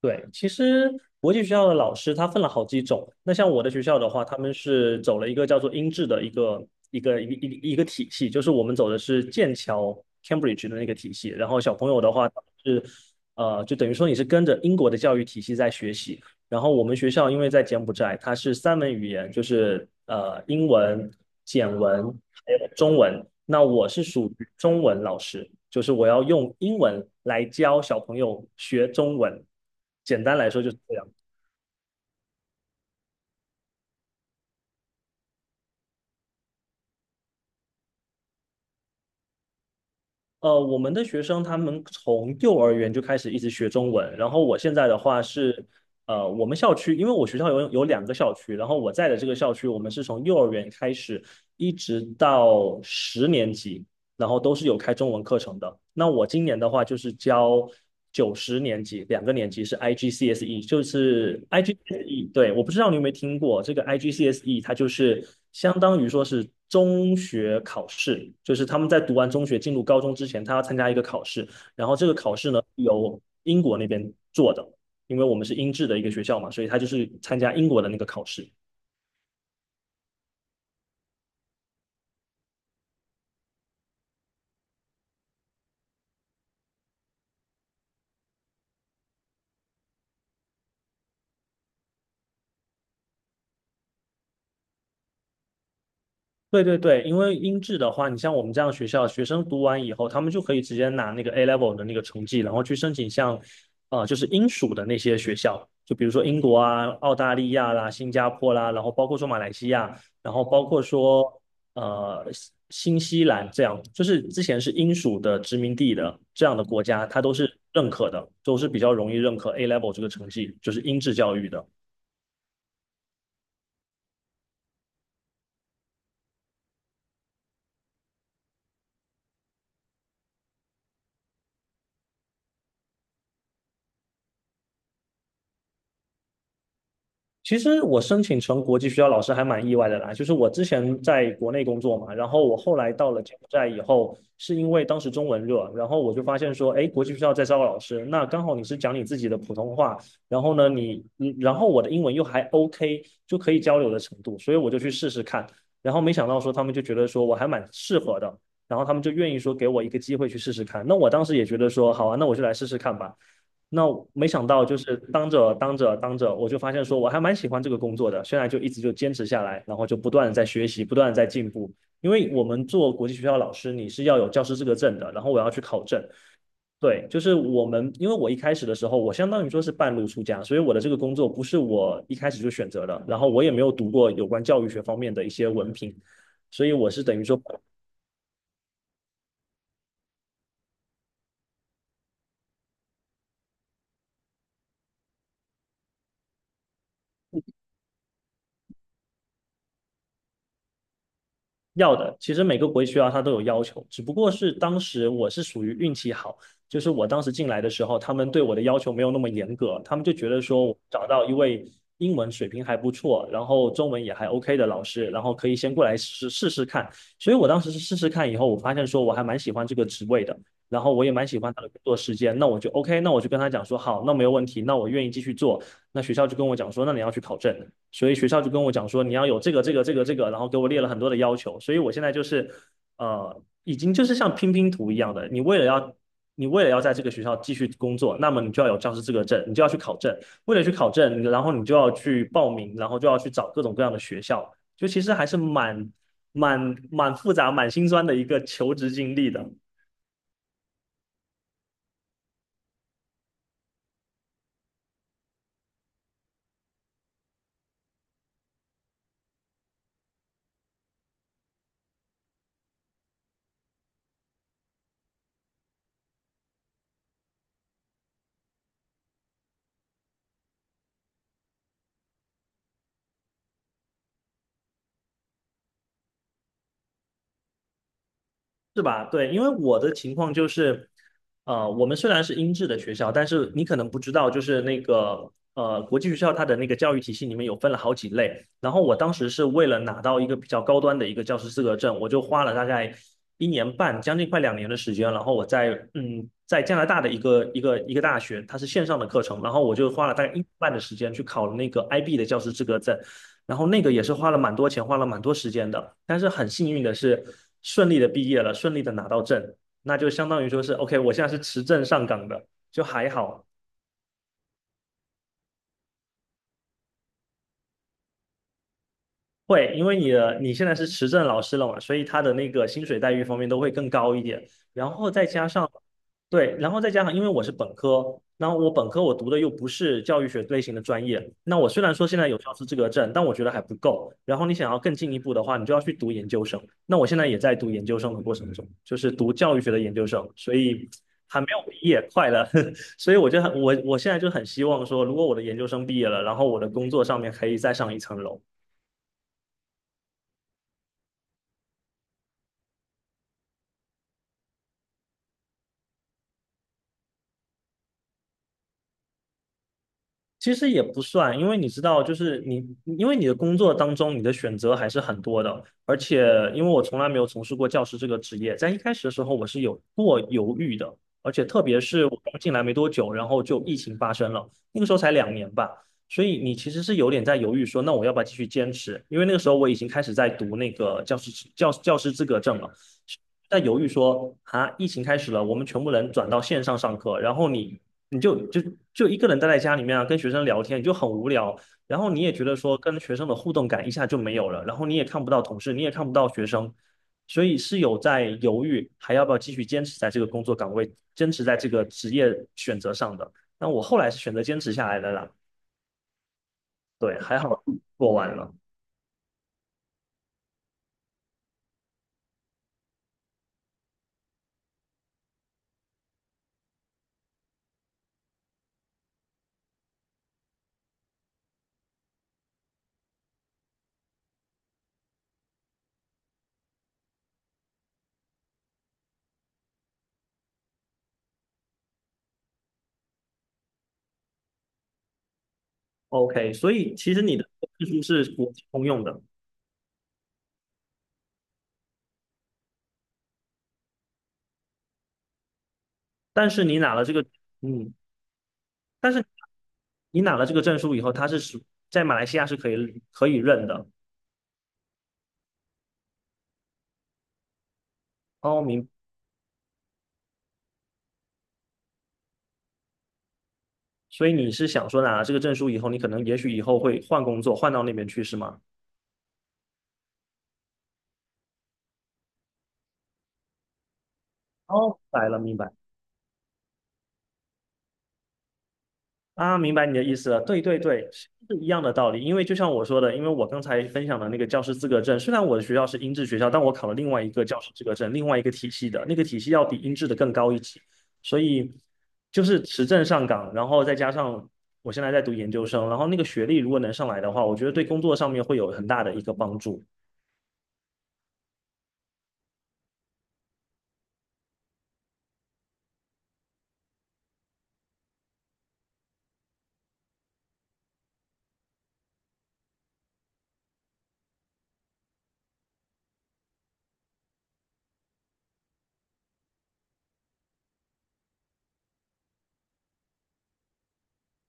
对，其实国际学校的老师他分了好几种。那像我的学校的话，他们是走了一个叫做英制的一个体系，就是我们走的是剑桥 Cambridge 的那个体系。然后小朋友的话是，就等于说你是跟着英国的教育体系在学习。然后我们学校因为在柬埔寨，它是3门语言，就是英文、柬文还有中文。那我是属于中文老师，就是我要用英文来教小朋友学中文。简单来说就是这样。我们的学生他们从幼儿园就开始一直学中文，然后我现在的话是，我们校区，因为我学校有2个校区，然后我在的这个校区，我们是从幼儿园开始一直到十年级，然后都是有开中文课程的。那我今年的话就是教九十年级，2个年级是 IGCSE，就是 IGCSE。对，我不知道你有没有听过这个 IGCSE，它就是相当于说是中学考试，就是他们在读完中学进入高中之前，他要参加一个考试，然后这个考试呢由英国那边做的，因为我们是英制的一个学校嘛，所以他就是参加英国的那个考试。对对对，因为英制的话，你像我们这样学校，学生读完以后，他们就可以直接拿那个 A level 的那个成绩，然后去申请像，就是英属的那些学校，就比如说英国啊、澳大利亚啦、新加坡啦，然后包括说马来西亚，然后包括说呃新新西兰这样，就是之前是英属的殖民地的这样的国家，它都是认可的，都是比较容易认可 A level 这个成绩，就是英制教育的。其实我申请成国际学校，老师还蛮意外的啦。就是我之前在国内工作嘛，然后我后来到了柬埔寨以后，是因为当时中文热，然后我就发现说，哎，国际学校在招老师，那刚好你是讲你自己的普通话，然后呢，然后我的英文又还 OK，就可以交流的程度，所以我就去试试看。然后没想到说他们就觉得说我还蛮适合的，然后他们就愿意说给我一个机会去试试看。那我当时也觉得说，好啊，那我就来试试看吧。那我没想到，就是当着，我就发现说我还蛮喜欢这个工作的。现在就一直就坚持下来，然后就不断的在学习，不断的在进步。因为我们做国际学校老师，你是要有教师资格证的，然后我要去考证。对，就是我们，因为我一开始的时候，我相当于说是半路出家，所以我的这个工作不是我一开始就选择的，然后我也没有读过有关教育学方面的一些文凭，所以我是等于说要的，其实每个国际学校它都有要求，只不过是当时我是属于运气好，就是我当时进来的时候，他们对我的要求没有那么严格，他们就觉得说我找到一位英文水平还不错，然后中文也还 OK 的老师，然后可以先过来试试看。所以我当时是试试看以后，我发现说我还蛮喜欢这个职位的，然后我也蛮喜欢他的工作时间，那我就 OK，那我就跟他讲说好，那没有问题，那我愿意继续做。那学校就跟我讲说，那你要去考证，所以学校就跟我讲说，你要有这个，然后给我列了很多的要求，所以我现在就是已经就是像拼拼图一样的，你为了要。你为了要在这个学校继续工作，那么你就要有教师资格证，你就要去考证。为了去考证，然后你就要去报名，然后就要去找各种各样的学校，就其实还是蛮复杂、蛮心酸的一个求职经历的。是吧？对，因为我的情况就是，我们虽然是英制的学校，但是你可能不知道，就是那个国际学校它的那个教育体系里面有分了好几类。然后我当时是为了拿到一个比较高端的一个教师资格证，我就花了大概一年半，将近快两年的时间。然后我在在加拿大的一个大学，它是线上的课程，然后我就花了大概一年半的时间去考了那个 IB 的教师资格证。然后那个也是花了蛮多钱，花了蛮多时间的，但是很幸运的是顺利的毕业了，顺利的拿到证，那就相当于说是 OK，我现在是持证上岗的，就还好。会，因为你现在是持证老师了嘛，所以他的那个薪水待遇方面都会更高一点。然后再加上，对，然后再加上，因为我是本科，然后我本科我读的又不是教育学类型的专业，那我虽然说现在有教师资格证，但我觉得还不够。然后你想要更进一步的话，你就要去读研究生。那我现在也在读研究生的过程中，就是读教育学的研究生，所以还没有毕业，快了。所以我就很我我现在就很希望说，如果我的研究生毕业了，然后我的工作上面可以再上一层楼。其实也不算，因为你知道，就是你，因为你的工作当中，你的选择还是很多的。而且，因为我从来没有从事过教师这个职业，在一开始的时候，我是有过犹豫的。而且，特别是我刚进来没多久，然后就疫情发生了，那个时候才两年吧，所以你其实是有点在犹豫说，那我要不要继续坚持？因为那个时候我已经开始在读那个教师资格证了。在犹豫说啊，疫情开始了，我们全部人转到线上上课，然后你就一个人待在家里面啊，跟学生聊天，你就很无聊，然后你也觉得说跟学生的互动感一下就没有了，然后你也看不到同事，你也看不到学生，所以是有在犹豫还要不要继续坚持在这个工作岗位，坚持在这个职业选择上的。那我后来是选择坚持下来的啦，对，还好做完了。OK，所以其实你的技术是国际通用的，但是你拿了这个，嗯。但是。你拿了这个证书以后，它是在马来西亚是可以认的。哦，所以你是想说拿了这个证书以后，你可能也许以后会换工作，换到那边去，是吗？哦，明白了，明白。啊，明白你的意思了。对对对，是一样的道理。因为就像我说的，因为我刚才分享的那个教师资格证，虽然我的学校是英制学校，但我考了另外一个教师资格证，另外一个体系的，那个体系要比英制的更高一级。所以就是持证上岗，然后再加上我现在在读研究生，然后那个学历如果能上来的话，我觉得对工作上面会有很大的一个帮助。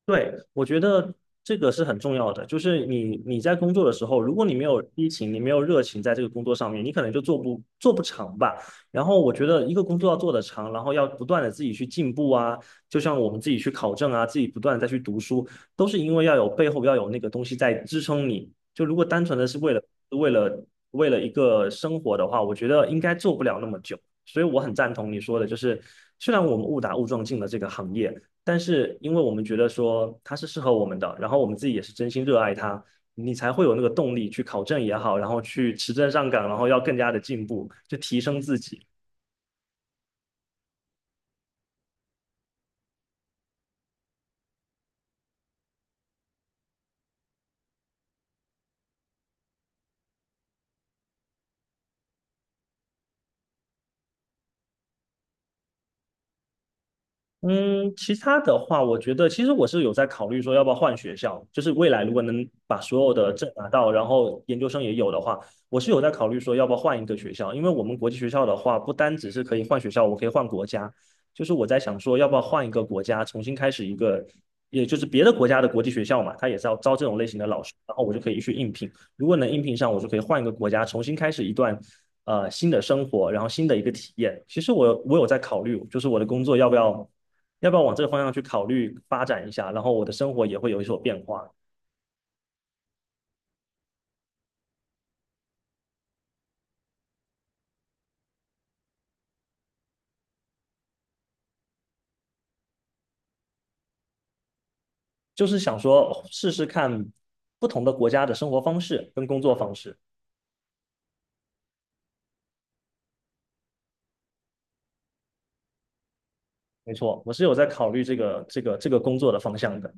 对，我觉得这个是很重要的，就是你在工作的时候，如果你没有激情，你没有热情在这个工作上面，你可能就做不长吧。然后我觉得一个工作要做得长，然后要不断的自己去进步啊，就像我们自己去考证啊，自己不断的再去读书，都是因为要有背后要有那个东西在支撑你。就如果单纯的是为了一个生活的话，我觉得应该做不了那么久。所以我很赞同你说的，就是虽然我们误打误撞进了这个行业。但是因为我们觉得说它是适合我们的，然后我们自己也是真心热爱它，你才会有那个动力去考证也好，然后去持证上岗，然后要更加的进步，就提升自己。嗯，其他的话，我觉得其实我是有在考虑说要不要换学校，就是未来如果能把所有的证拿到，然后研究生也有的话，我是有在考虑说要不要换一个学校，因为我们国际学校的话，不单只是可以换学校，我可以换国家，就是我在想说要不要换一个国家，重新开始一个，也就是别的国家的国际学校嘛，它也是要招这种类型的老师，然后我就可以去应聘，如果能应聘上，我就可以换一个国家，重新开始一段。新的生活，然后新的一个体验。其实我有在考虑，就是我的工作要不要往这个方向去考虑发展一下？然后我的生活也会有所变化，就是想说试试看不同的国家的生活方式跟工作方式。没错，我是有在考虑这个工作的方向的，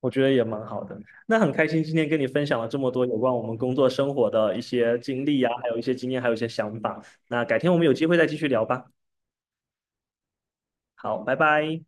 我觉得也蛮好的。那很开心今天跟你分享了这么多有关我们工作生活的一些经历呀、还有一些经验，还有一些想法。那改天我们有机会再继续聊吧。好，拜拜。